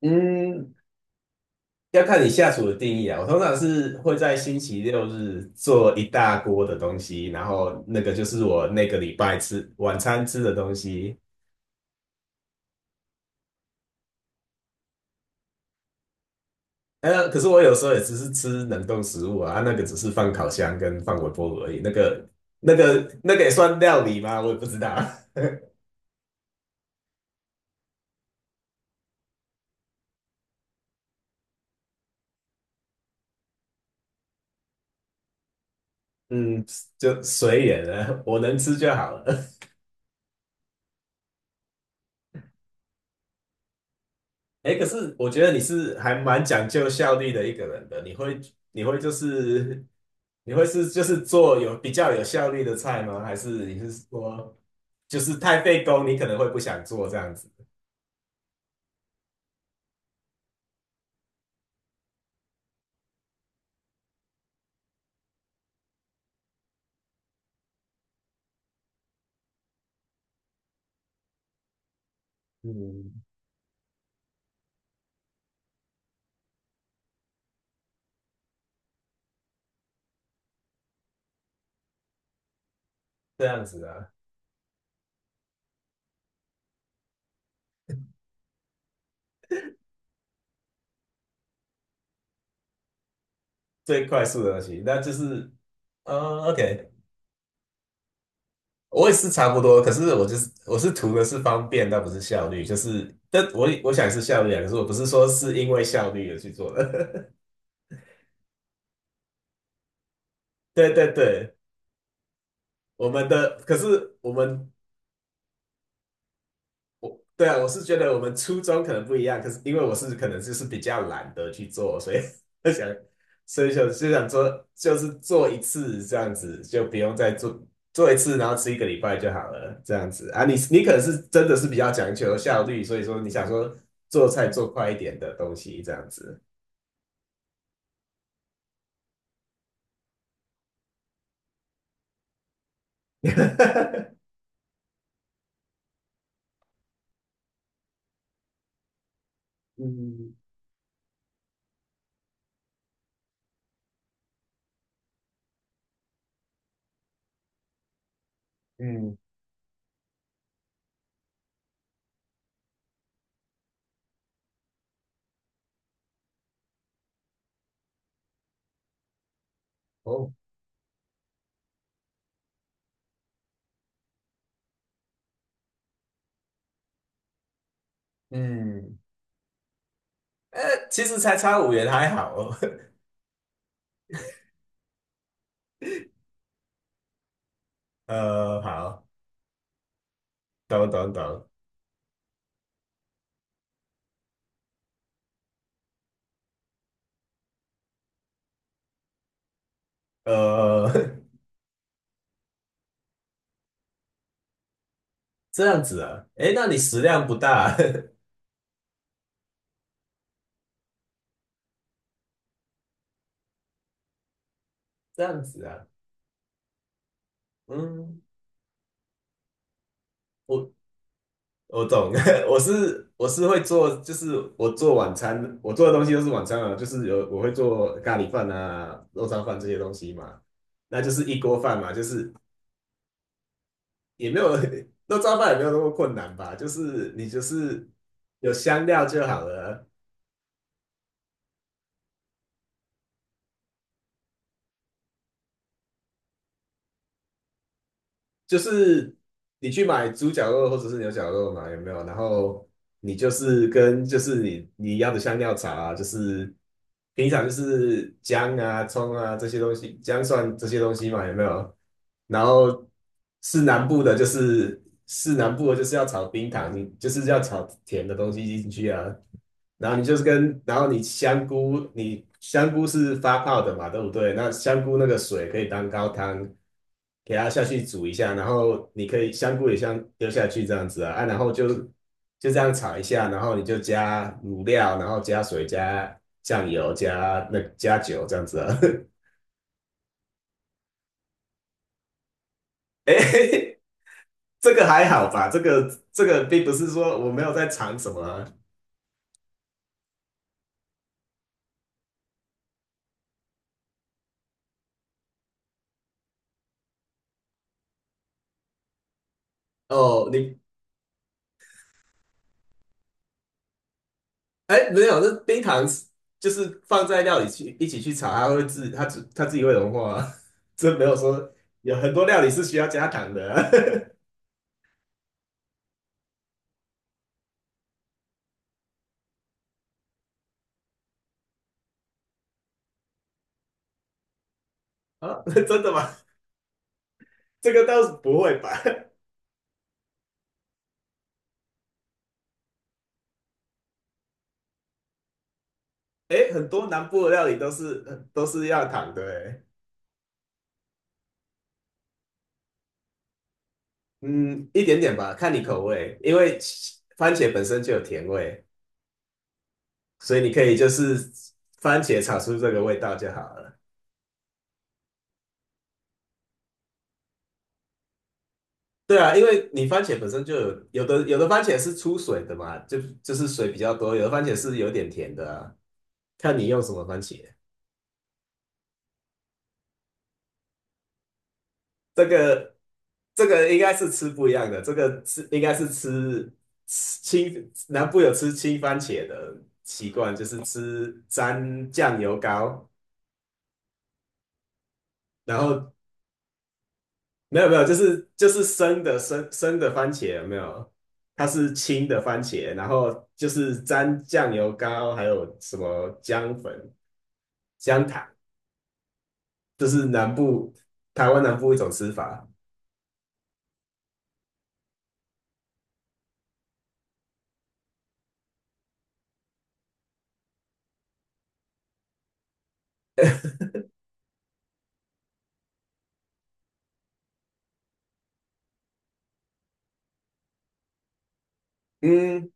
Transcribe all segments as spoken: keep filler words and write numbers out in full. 嗯，要看你下厨的定义啊。我通常是会在星期六日做一大锅的东西，然后那个就是我那个礼拜吃晚餐吃的东西。呃，可是我有时候也只是吃冷冻食物啊，啊那个只是放烤箱跟放微波炉而已。那个、那个、那个也算料理吗？我也不知道。嗯，就随缘了，我能吃就好了。哎，可是我觉得你是还蛮讲究效率的一个人的，你会你会就是你会是就是做有比较有效率的菜吗？还是你是说就是太费工，你可能会不想做这样子？嗯，这样子啊，最快速的东西，那就是呃，OK，我也是差不多，可是我就是我是图的是方便，但不是效率，就是但我我想是效率啊，可是我不是说是因为效率而去做的。对对对，我们的可是我们我对啊，我是觉得我们初衷可能不一样，可是因为我是可能就是比较懒得去做，所以 想，所以想就想做，就是做一次这样子，就不用再做做一次，然后吃一个礼拜就好了，这样子啊。你你可能是真的是比较讲求效率，所以说你想说做菜做快一点的东西这样子。嗯嗯哦嗯，呃，其实才差五元还好哦。呃，好，懂懂懂，呃。这样子啊，诶，那你食量不大啊，这样子啊，嗯，我我懂，我是我是会做，就是我做晚餐，我做的东西都是晚餐啊，就是有我会做咖喱饭啊、肉燥饭这些东西嘛，那就是一锅饭嘛，就是也没有 肉燥饭也没有那么困难吧，就是你就是有香料就好了，就是你去买猪脚肉或者是牛脚肉嘛，有没有？然后你就是跟就是你你要的香料茶啊，就是平常就是姜啊、葱啊这些东西，姜蒜这些东西嘛，有没有？然后是南部的，就是是南部的，就是要炒冰糖，你就是要炒甜的东西进去啊。然后你就是跟，然后你香菇，你香菇是发泡的嘛，对不对？那香菇那个水可以当高汤，给它下去煮一下，然后你可以香菇也像丢下去这样子啊，啊，然后就就这样炒一下，然后你就加卤料，然后加水、加酱油、加那加酒这样子啊。哎，这个还好吧？这个这个并不是说我没有在尝什么啊哦，你哎没有，这冰糖是就是放在料理去一起去炒，它会自它自它自己会融化啊，这没有说有很多料理是需要加糖的啊，啊真的吗？这个倒是不会吧？哎，很多南部的料理都是都是要糖的哎。嗯，一点点吧，看你口味，因为番茄本身就有甜味，所以你可以就是番茄炒出这个味道就好了。对啊，因为你番茄本身就有有的有的番茄是出水的嘛，就就是水比较多，有的番茄是有点甜的啊，看你用什么番茄。这个这个应该是吃不一样的，这个吃应该是吃吃青，南部有吃青番茄的习惯，就是吃沾酱油膏，然后没有没有，就是就是生的生生的番茄有没有？它是青的番茄，然后就是沾酱油膏，还有什么姜粉、姜糖，就是南部台湾南部一种吃法。嗯，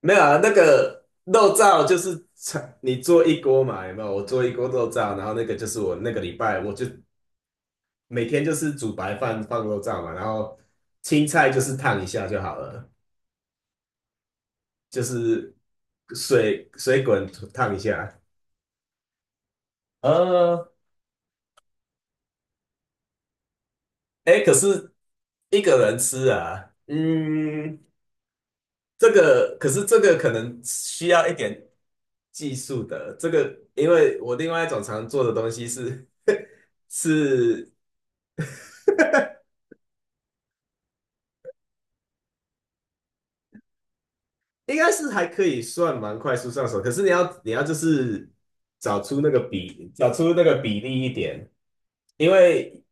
没有啊，那个肉燥就是炒你做一锅嘛，有没有？我做一锅肉燥，然后那个就是我那个礼拜我就每天就是煮白饭放肉燥嘛，然后青菜就是烫一下就好了，就是水水滚烫一下。呃，哎，可是一个人吃啊，嗯。这个可是这个可能需要一点技术的，这个因为我另外一种常做的东西是 是应该是还可以算蛮快速上手，可是你要你要就是找出那个比找出那个比例一点，因为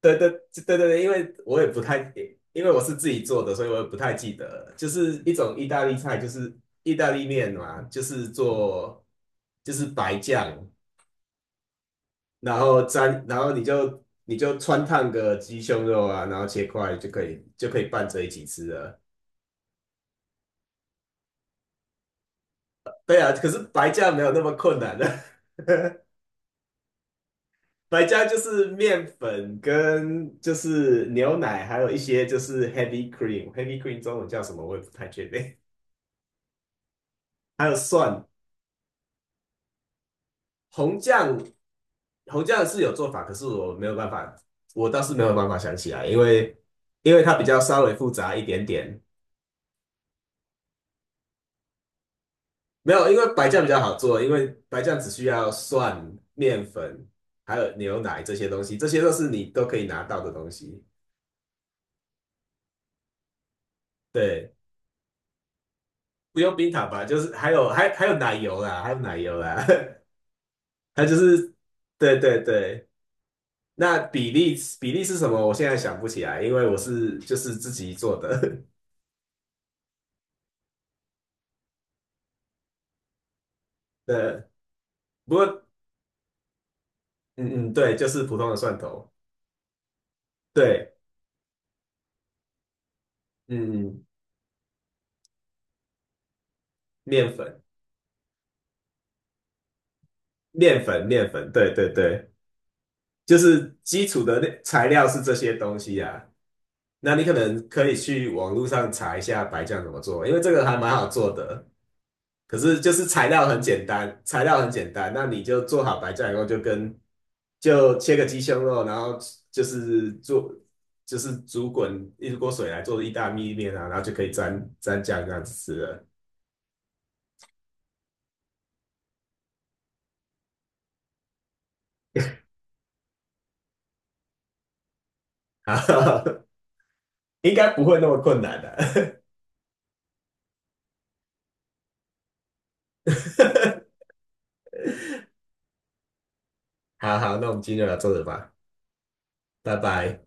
对对对对对，因为我也不太因为我是自己做的，所以我也不太记得就是一种意大利菜，就是意大利面嘛，就是做就是白酱。然后沾，然后你就你就穿烫个鸡胸肉啊，然后切块就可以就可以拌着一起吃了。对啊，可是白酱没有那么困难的，白酱就是面粉跟就是牛奶，还有一些就是 heavy cream，heavy cream 中文叫什么我也不太确定，还有蒜，红酱红酱是有做法，可是我没有办法，我倒是没有办法想起来，因为因为它比较稍微复杂一点点。没有，因为白酱比较好做，因为白酱只需要蒜、面粉，还有牛奶这些东西，这些都是你都可以拿到的东西。对，不用冰糖吧，就是还有还还有奶油啦，还有奶油啦，它就是对对对。那比例比例是什么？我现在想不起来，因为我是就是自己做的。对，不过嗯嗯，对，就是普通的蒜头。对，嗯嗯，面粉面粉面粉，对对对。就是基础的那材料是这些东西啊。那你可能可以去网络上查一下白酱怎么做，因为这个还蛮好做的。可是就是材料很简单，材料很简单，那你就做好白酱以后，就跟就切个鸡胸肉，然后就是做就是煮滚一锅水来做意大利面啊，然后就可以沾沾酱这样子吃了。好，应该不会那么困难的、好好，那我们今天就聊做这里吧，拜拜。